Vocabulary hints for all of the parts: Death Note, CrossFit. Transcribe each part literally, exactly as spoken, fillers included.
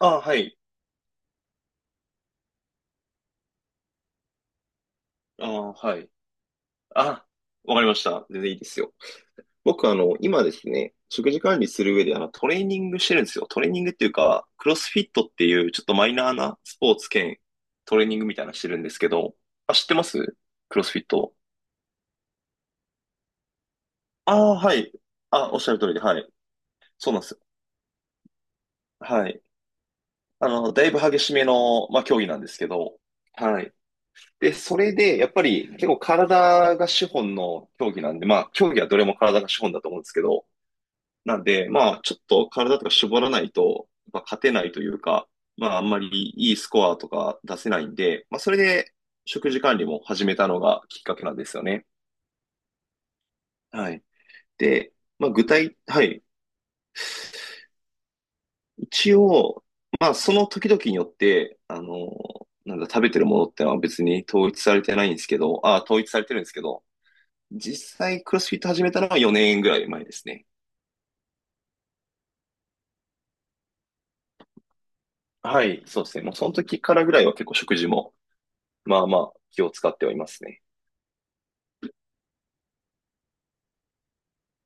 あ、はい。あ、はい。あ、わかりました。全然いいですよ。僕、あの、今ですね、食事管理する上で、あの、トレーニングしてるんですよ。トレーニングっていうか、クロスフィットっていう、ちょっとマイナーなスポーツ兼トレーニングみたいなのしてるんですけど、あ、知ってます？クロスフィット。ああ、はい。あ、おっしゃる通りで、はい。そうなんですよ。はい。あの、だいぶ激しめの、まあ、競技なんですけど、はい。で、それで、やっぱり、結構体が資本の競技なんで、まあ、競技はどれも体が資本だと思うんですけど、なんで、まあ、ちょっと体とか絞らないと、まあ、勝てないというか、まあ、あんまりいいスコアとか出せないんで、まあ、それで食事管理も始めたのがきっかけなんですよね。はい。で、まあ、具体、はい。一応、まあ、その時々によって、あの、なんだ、食べてるものってのは別に統一されてないんですけど、あ、統一されてるんですけど、実際クロスフィット始めたのはよねんぐらい前ですね。はい、そうですね。もうその時からぐらいは結構食事もまあまあ気を使ってはいますね。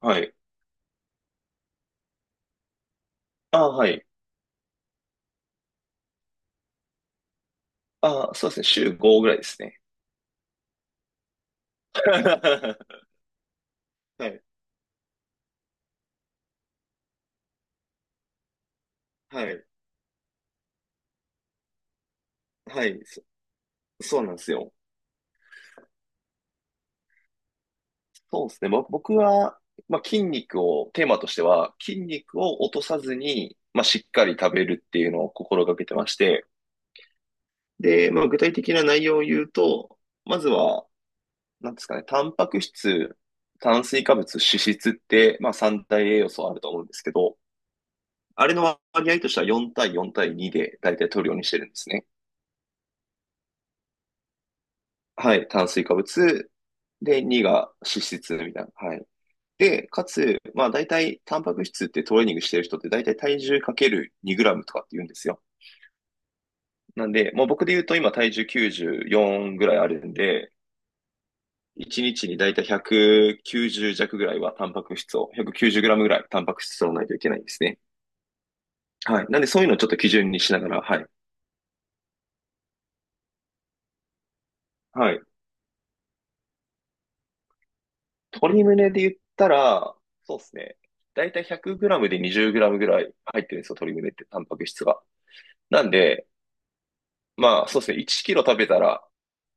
はい。ああ、はい。ああ、そうですね。週ごぐらいですね。はい。はい。はい。そ、そうなんですよ。そうですね。ぼ僕は、まあ、筋肉を、テーマとしては、筋肉を落とさずに、まあ、しっかり食べるっていうのを心がけてまして、で、まあ、具体的な内容を言うと、まずは、なんですかね、タンパク質、炭水化物、脂質って、まあ、三大栄養素あると思うんですけど、あれの割合としてはよん対よん対にで大体取るようにしてるんですね。はい、炭水化物。で、にが脂質みたいな。はい。で、かつ、まあ大体、タンパク質ってトレーニングしてる人って大体体重かけるにグラムグラムとかって言うんですよ。なんで、もう僕で言うと今体重きゅうじゅうよんぐらいあるんで、いちにちにちに大体ひゃくきゅうじゅう弱ぐらいはタンパク質を、ひゃくきゅうじゅうグラムグラムぐらいタンパク質を取らないといけないんですね。はい。なんでそういうのをちょっと基準にしながら、はい。はい。鶏胸で言ったら、そうですね。だいたいいち ぜろ ぜろムでに ぜろムぐらい入ってるんですよ、鶏胸って、タンパク質が。なんで、まあ、そうですね。いちキロ食べたら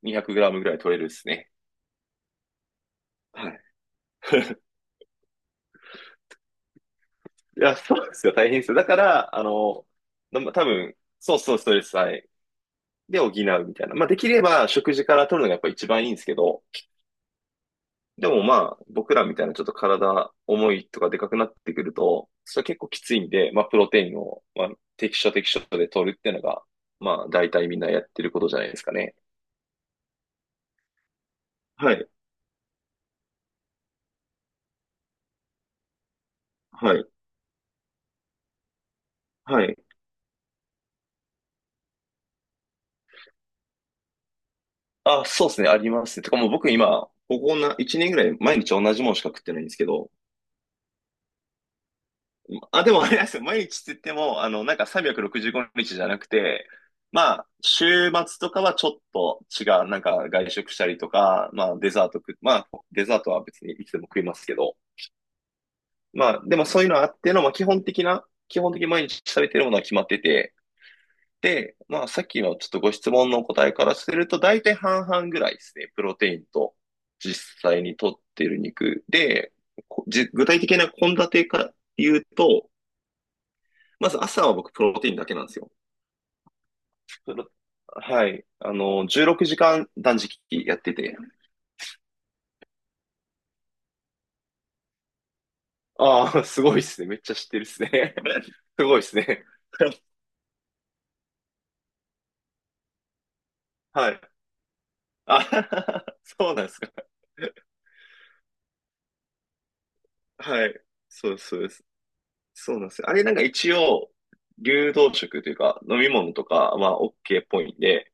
に ぜろ ぜろムぐらい取れるですね。はい。いや、そうですよ。大変ですよ。だから、あの、なま多分、そうそう、ストレス、はい。で補うみたいな。まあ、できれば食事から取るのがやっぱ一番いいんですけど、でもまあ、僕らみたいなちょっと体重いとかでかくなってくると、それは結構きついんで、まあ、プロテインを、まあ、適所適所で取るっていうのが、まあ、大体みんなやってることじゃないですかね。はい、はい、はい。あ、そうですね、ありますね。てかもう僕今、ここな、いちねんぐらい毎日同じものしか食ってないんですけど、あ、でもあれなんですよ。毎日って言っても、あの、なんかさんびゃくろくじゅうごにちじゅうごにちじゃなくて、まあ、週末とかはちょっと違う、なんか外食したりとか、まあ、デザート食、まあ、デザートは別にいつでも食いますけど、まあ、でもそういうのあっての、まあ、基本的な、基本的に毎日食べてるものは決まってて、で、まあ、さっきのちょっとご質問のお答えからすると、大体半々ぐらいですね。プロテインと実際に摂ってる肉で、こじ具体的な献立から言うと、まず朝は僕プロテインだけなんですよ。プロはい。あの、じゅうろくじかん断食やってて。ああ、すごいですね。めっちゃ知ってるっすね。すごいですね。はい。あ、そうなんですか。はい。そうです、そうです。そうなんですよ。あれなんか一応、流動食というか、飲み物とかは OK っぽいんで、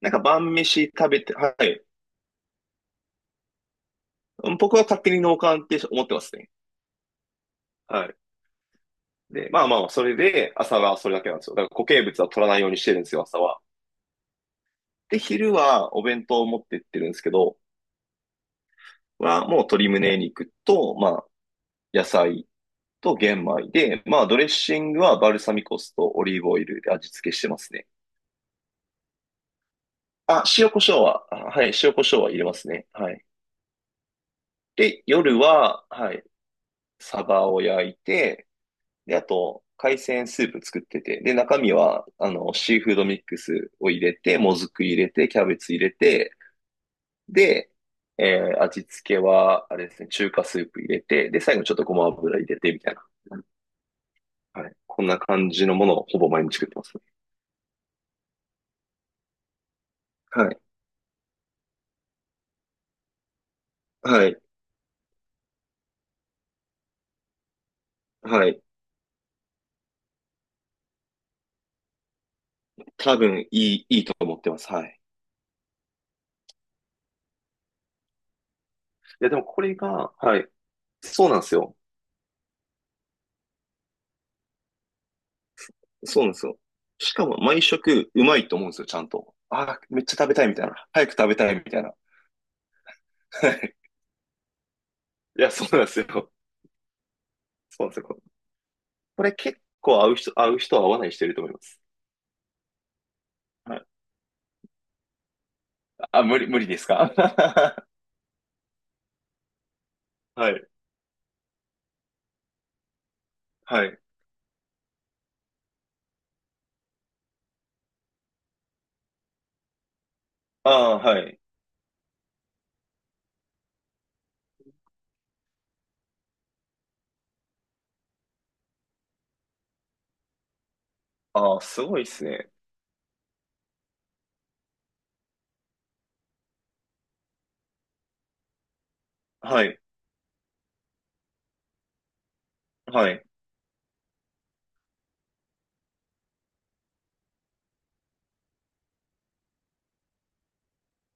なんか晩飯食べて、はい。僕は勝手に脳幹って思ってますね。はい。で、まあまあ、それで、朝はそれだけなんですよ。だから固形物は取らないようにしてるんですよ、朝は。で、昼はお弁当を持ってってるんですけど、は、もう鶏胸肉と、まあ、野菜と玄米で、まあ、ドレッシングはバルサミコ酢とオリーブオイルで味付けしてますね。あ、塩コショウは、あはい、塩コショウは入れますね。はい。で、夜は、はい、サバを焼いて、で、あと、海鮮スープ作ってて、で、中身は、あの、シーフードミックスを入れて、もずく入れて、キャベツ入れて、で、えー味付けは、あれですね、中華スープ入れて、で、最後にちょっとごま油入れて、みたいな。はい。こんな感じのものをほぼ毎日作ってますね。はい。はい。はい。多分、いい、いいと思ってます。はい。いや、でもこれが、はい。そうなんですよ。そうなんですよ。しかも、毎食、うまいと思うんですよ、ちゃんと。ああ、めっちゃ食べたいみたいな。早く食べたいみたいな。はい。いや、そうなんですよ。そうなんですよ。これ結構合う人、合う人は合わない人いると思います。はい。あ、無理、無理ですか？ はい。はい。ああ、はい。ああ、すごいっすね。はい。はい。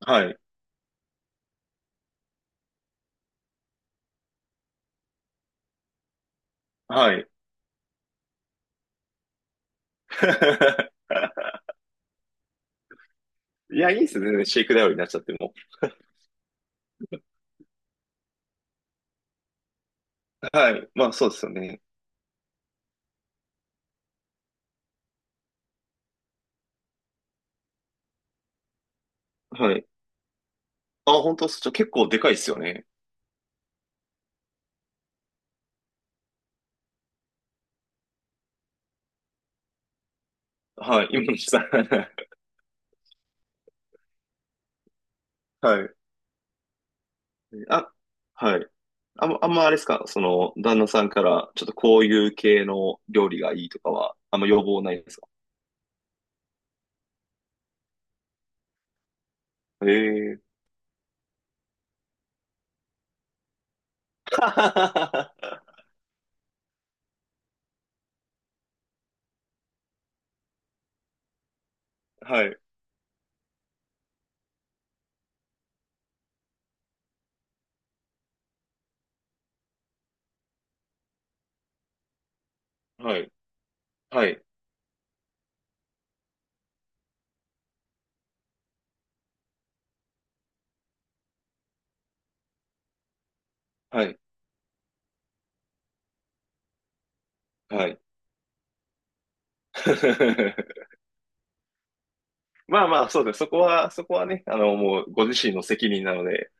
はい。はい。いや、いいっすね。全然シェイクダウンになっちゃっても。はい。まあ、そうですよね。はい。あ、本当っす。ちょ、結構でかいっすよね。はい。今のさん。はい。あ、はい。あんま、あんまあれですかその、旦那さんから、ちょっとこういう系の料理がいいとかは、あんま要望ないですか？ええー。 はい。はい。はい。はい。はい。まあまあ、そうです。そこは、そこはね、あの、もう、ご自身の責任なので、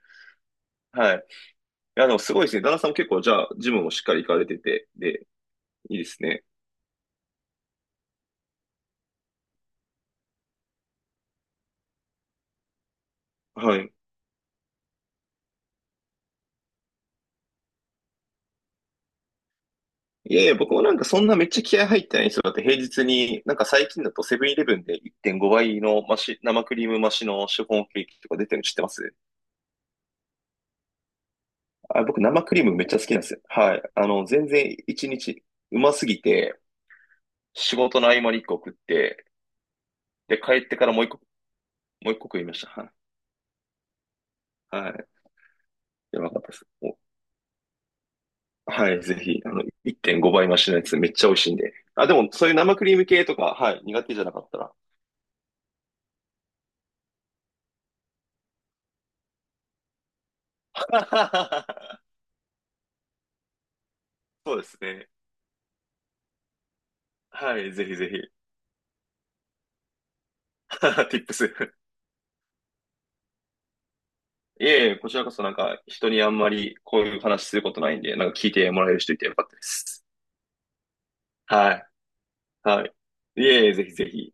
はい。いや、でもすごいですね。旦那さんも結構、じゃあ、ジムもしっかり行かれてて、で、いいですね。はい。いやいや、僕もなんかそんなめっちゃ気合入ってない人だって平日に、なんか最近だとセブンイレブンでいってんごばいの増し、生クリーム増しのシフォンケーキとか出てるの知ってます？あ、僕生クリームめっちゃ好きなんですよ。はい。あの、全然いちにちうますぎて、仕事の合間にいっこ食って、で、帰ってからもう1個、もう一個食いました。はい。はい。やばかったです。はい、ぜひ、あの、いってんごばい増しのやつめっちゃ美味しいんで。あ、でも、そういう生クリーム系とか、はい、苦手じゃなかったら。そうですね。はい、ぜひぜひ。Tips。いえいえ、こちらこそなんか、人にあんまりこういう話することないんで、なんか聞いてもらえる人いてよかったです。はい、はい。いえいえ、ぜひぜひ。